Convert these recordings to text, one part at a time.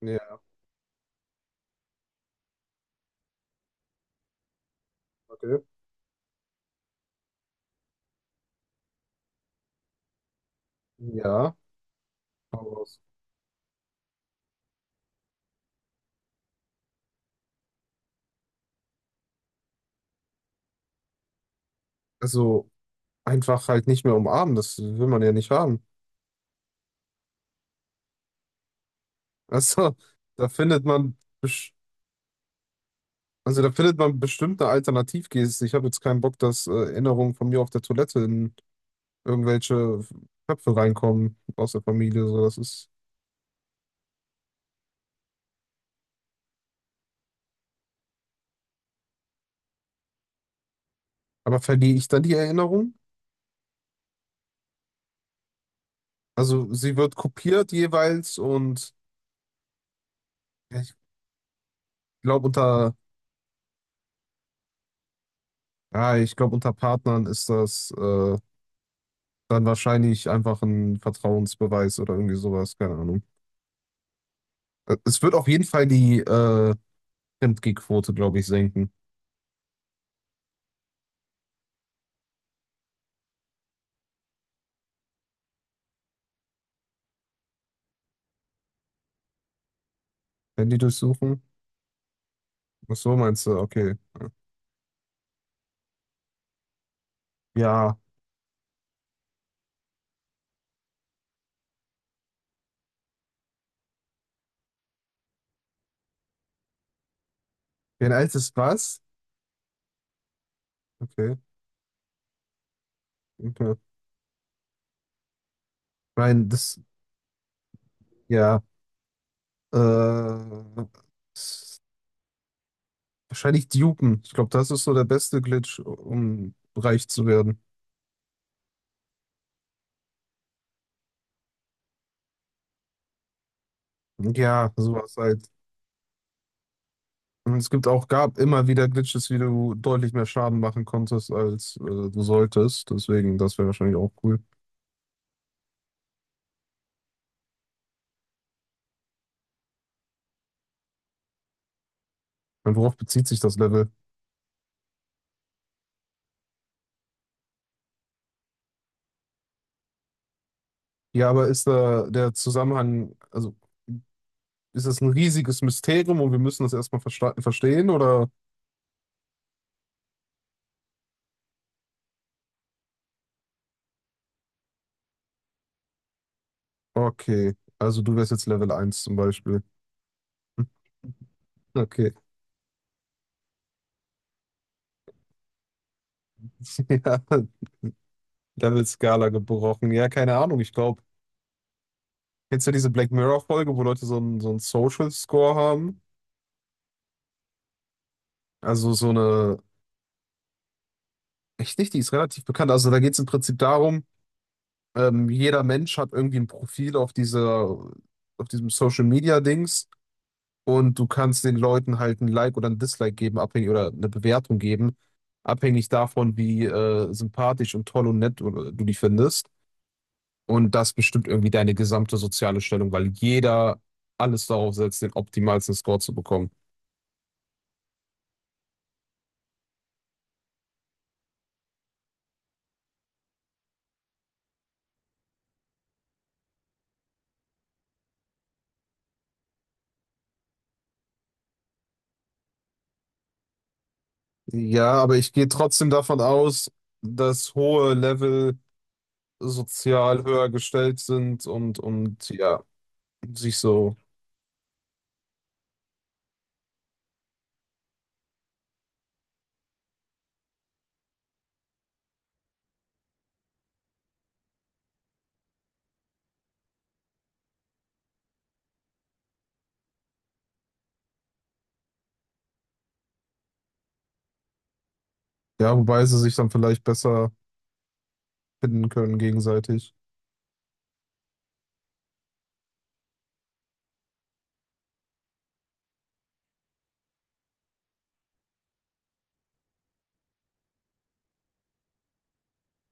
Ja, okay. Ja, hau raus. Also einfach halt nicht mehr umarmen, das will man ja nicht haben. Also da findet man, also da findet man bestimmte eine. Ich habe jetzt keinen Bock, dass Erinnerungen von mir auf der Toilette in irgendwelche Köpfe reinkommen aus der Familie. So, das ist. Aber verliere ich dann die Erinnerung? Also sie wird kopiert jeweils und ich glaube unter, ja, ich glaube, unter Partnern ist das. Dann wahrscheinlich einfach ein Vertrauensbeweis oder irgendwie sowas, keine Ahnung. Es wird auf jeden Fall die Fremdgehquote, glaube ich, senken. Handy durchsuchen? Ach so, meinst du? Okay. Ja. Wen alt ist was? Okay, okay. Nein, das, ja. Äh, s- wahrscheinlich dupen. Ich glaube, das ist so der beste Glitch, um reich zu werden. Ja, sowas halt. Und es gibt auch, gab immer wieder Glitches, wie du deutlich mehr Schaden machen konntest, als du solltest. Deswegen, das wäre wahrscheinlich auch cool. Und worauf bezieht sich das Level? Ja, aber ist da der Zusammenhang, also ist das ein riesiges Mysterium und wir müssen das erstmal verstehen oder? Okay, also du wärst jetzt Level 1 zum Beispiel. Okay, ja, Level-Skala gebrochen. Ja, keine Ahnung, ich glaube, kennst du diese Black Mirror-Folge, wo Leute so einen Social Score haben? Also so eine, echt nicht, die ist relativ bekannt. Also da geht es im Prinzip darum, jeder Mensch hat irgendwie ein Profil auf dieser, auf diesem Social Media Dings, und du kannst den Leuten halt ein Like oder ein Dislike geben, abhängig, oder eine Bewertung geben, abhängig davon, wie sympathisch und toll und nett du die findest. Und das bestimmt irgendwie deine gesamte soziale Stellung, weil jeder alles darauf setzt, den optimalsten Score zu bekommen. Ja, aber ich gehe trotzdem davon aus, dass hohe Level sozial höher gestellt sind und ja, sich so. Ja, wobei sie sich dann vielleicht besser finden können gegenseitig.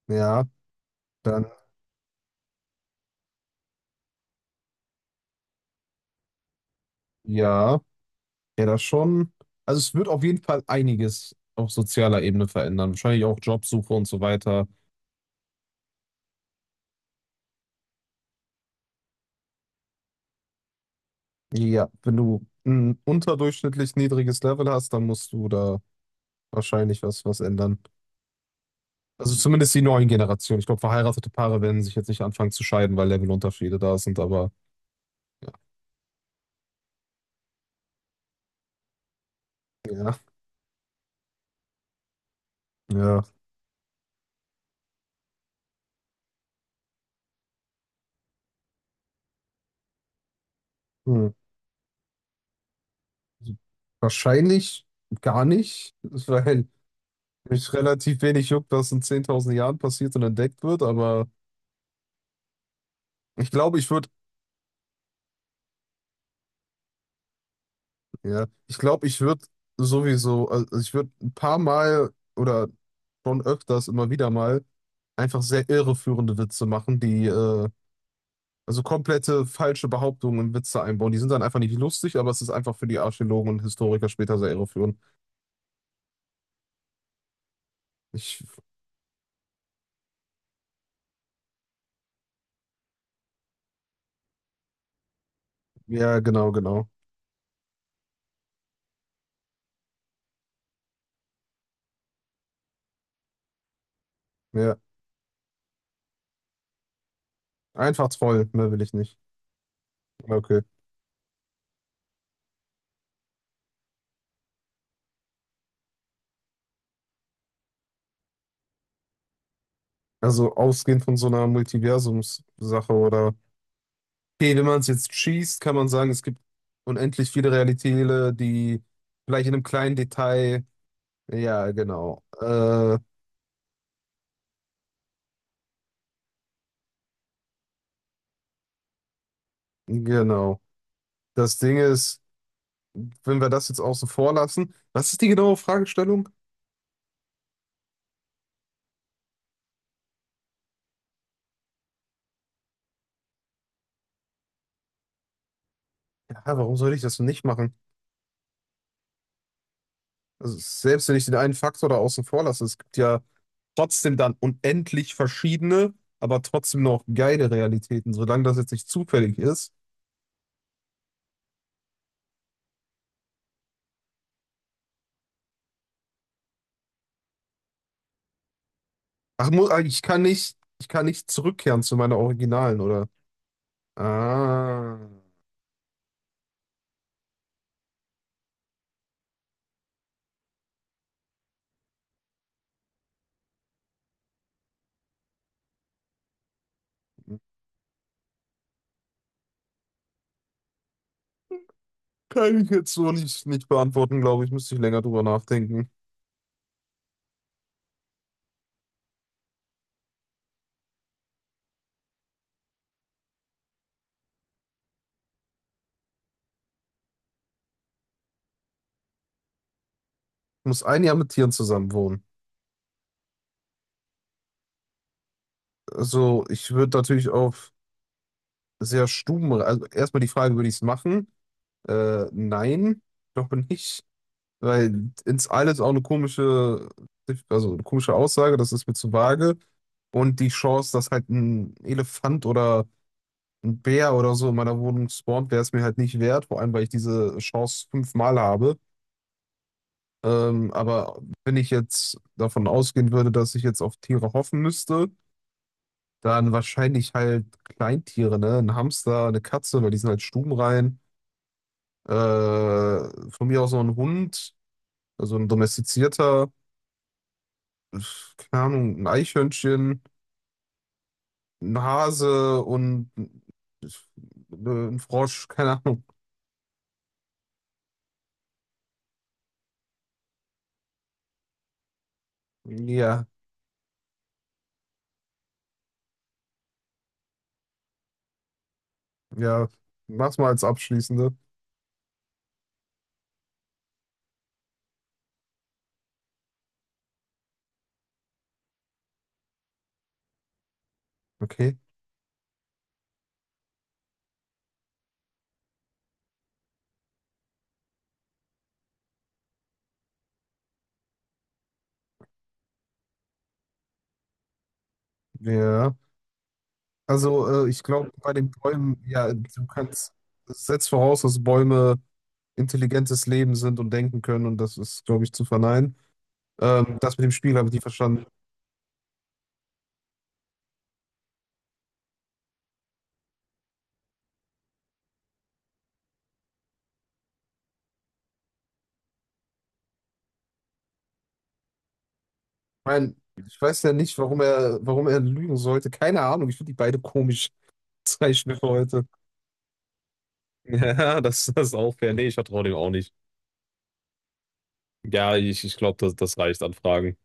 Ja, dann ja. Ja, das schon. Also es wird auf jeden Fall einiges auf sozialer Ebene verändern. Wahrscheinlich auch Jobsuche und so weiter. Ja, wenn du ein unterdurchschnittlich niedriges Level hast, dann musst du da wahrscheinlich was ändern. Also zumindest die neuen Generationen. Ich glaube, verheiratete Paare werden sich jetzt nicht anfangen zu scheiden, weil Levelunterschiede da sind, aber ja, ja, ja. Hm. Also wahrscheinlich gar nicht, weil mich relativ wenig juckt, was in 10.000 Jahren passiert und entdeckt wird, aber ich glaube, ich würde, ja, ich glaube, ich würde sowieso, also ich würde ein paar Mal oder schon öfters immer wieder mal einfach sehr irreführende Witze machen, die, also komplette falsche Behauptungen in Witze einbauen. Die sind dann einfach nicht lustig, aber es ist einfach für die Archäologen und Historiker später sehr irreführend. Ich, ja, genau, genau. Ja, einfach toll, mehr will ich nicht. Ja, okay. Also ausgehend von so einer Multiversumssache oder. Okay, wenn man es jetzt schießt, kann man sagen, es gibt unendlich viele Realitäten, die vielleicht in einem kleinen Detail. Ja, genau. Genau. Das Ding ist, wenn wir das jetzt außen vor lassen, was ist die genaue Fragestellung? Ja, warum sollte ich das denn nicht machen? Also, selbst wenn ich den einen Faktor da außen vor lasse, es gibt ja trotzdem dann unendlich verschiedene, aber trotzdem noch geile Realitäten, solange das jetzt nicht zufällig ist. Ach, ich kann nicht zurückkehren zu meiner Originalen, oder? Ah, kann ich jetzt so nicht beantworten, glaube ich. Müsste ich länger drüber nachdenken. Ich muss ein Jahr mit Tieren zusammen wohnen. Also, ich würde natürlich auf also erstmal die Frage, würde ich es machen? Nein, ich glaube nicht. Weil ins All ist auch eine komische, also eine komische Aussage, das ist mir zu vage. Und die Chance, dass halt ein Elefant oder ein Bär oder so in meiner Wohnung spawnt, wäre es mir halt nicht wert. Vor allem, weil ich diese Chance fünfmal habe. Aber wenn ich jetzt davon ausgehen würde, dass ich jetzt auf Tiere hoffen müsste, dann wahrscheinlich halt Kleintiere, ne? Ein Hamster, eine Katze, weil die sind halt stubenrein. Äh, von mir aus noch ein Hund, also ein domestizierter, äh, keine Ahnung, ein Eichhörnchen, ein Hase und äh, ein Frosch, keine Ahnung. Ja, ja, mach's mal als abschließende. Okay. Ja. Also, ich glaube, bei den Bäumen, ja, du kannst, das setzt voraus, dass Bäume intelligentes Leben sind und denken können, und das ist, glaube ich, zu verneinen. Das mit dem Spiegel habe ich nicht verstanden. Ich mein, ich weiß ja nicht, warum er lügen sollte. Keine Ahnung, ich finde die beide komisch. Zeichen für heute. Ja, das, das ist auch fair. Nee, ich vertraue dem auch nicht. Ja, ich glaube, das, das reicht an Fragen.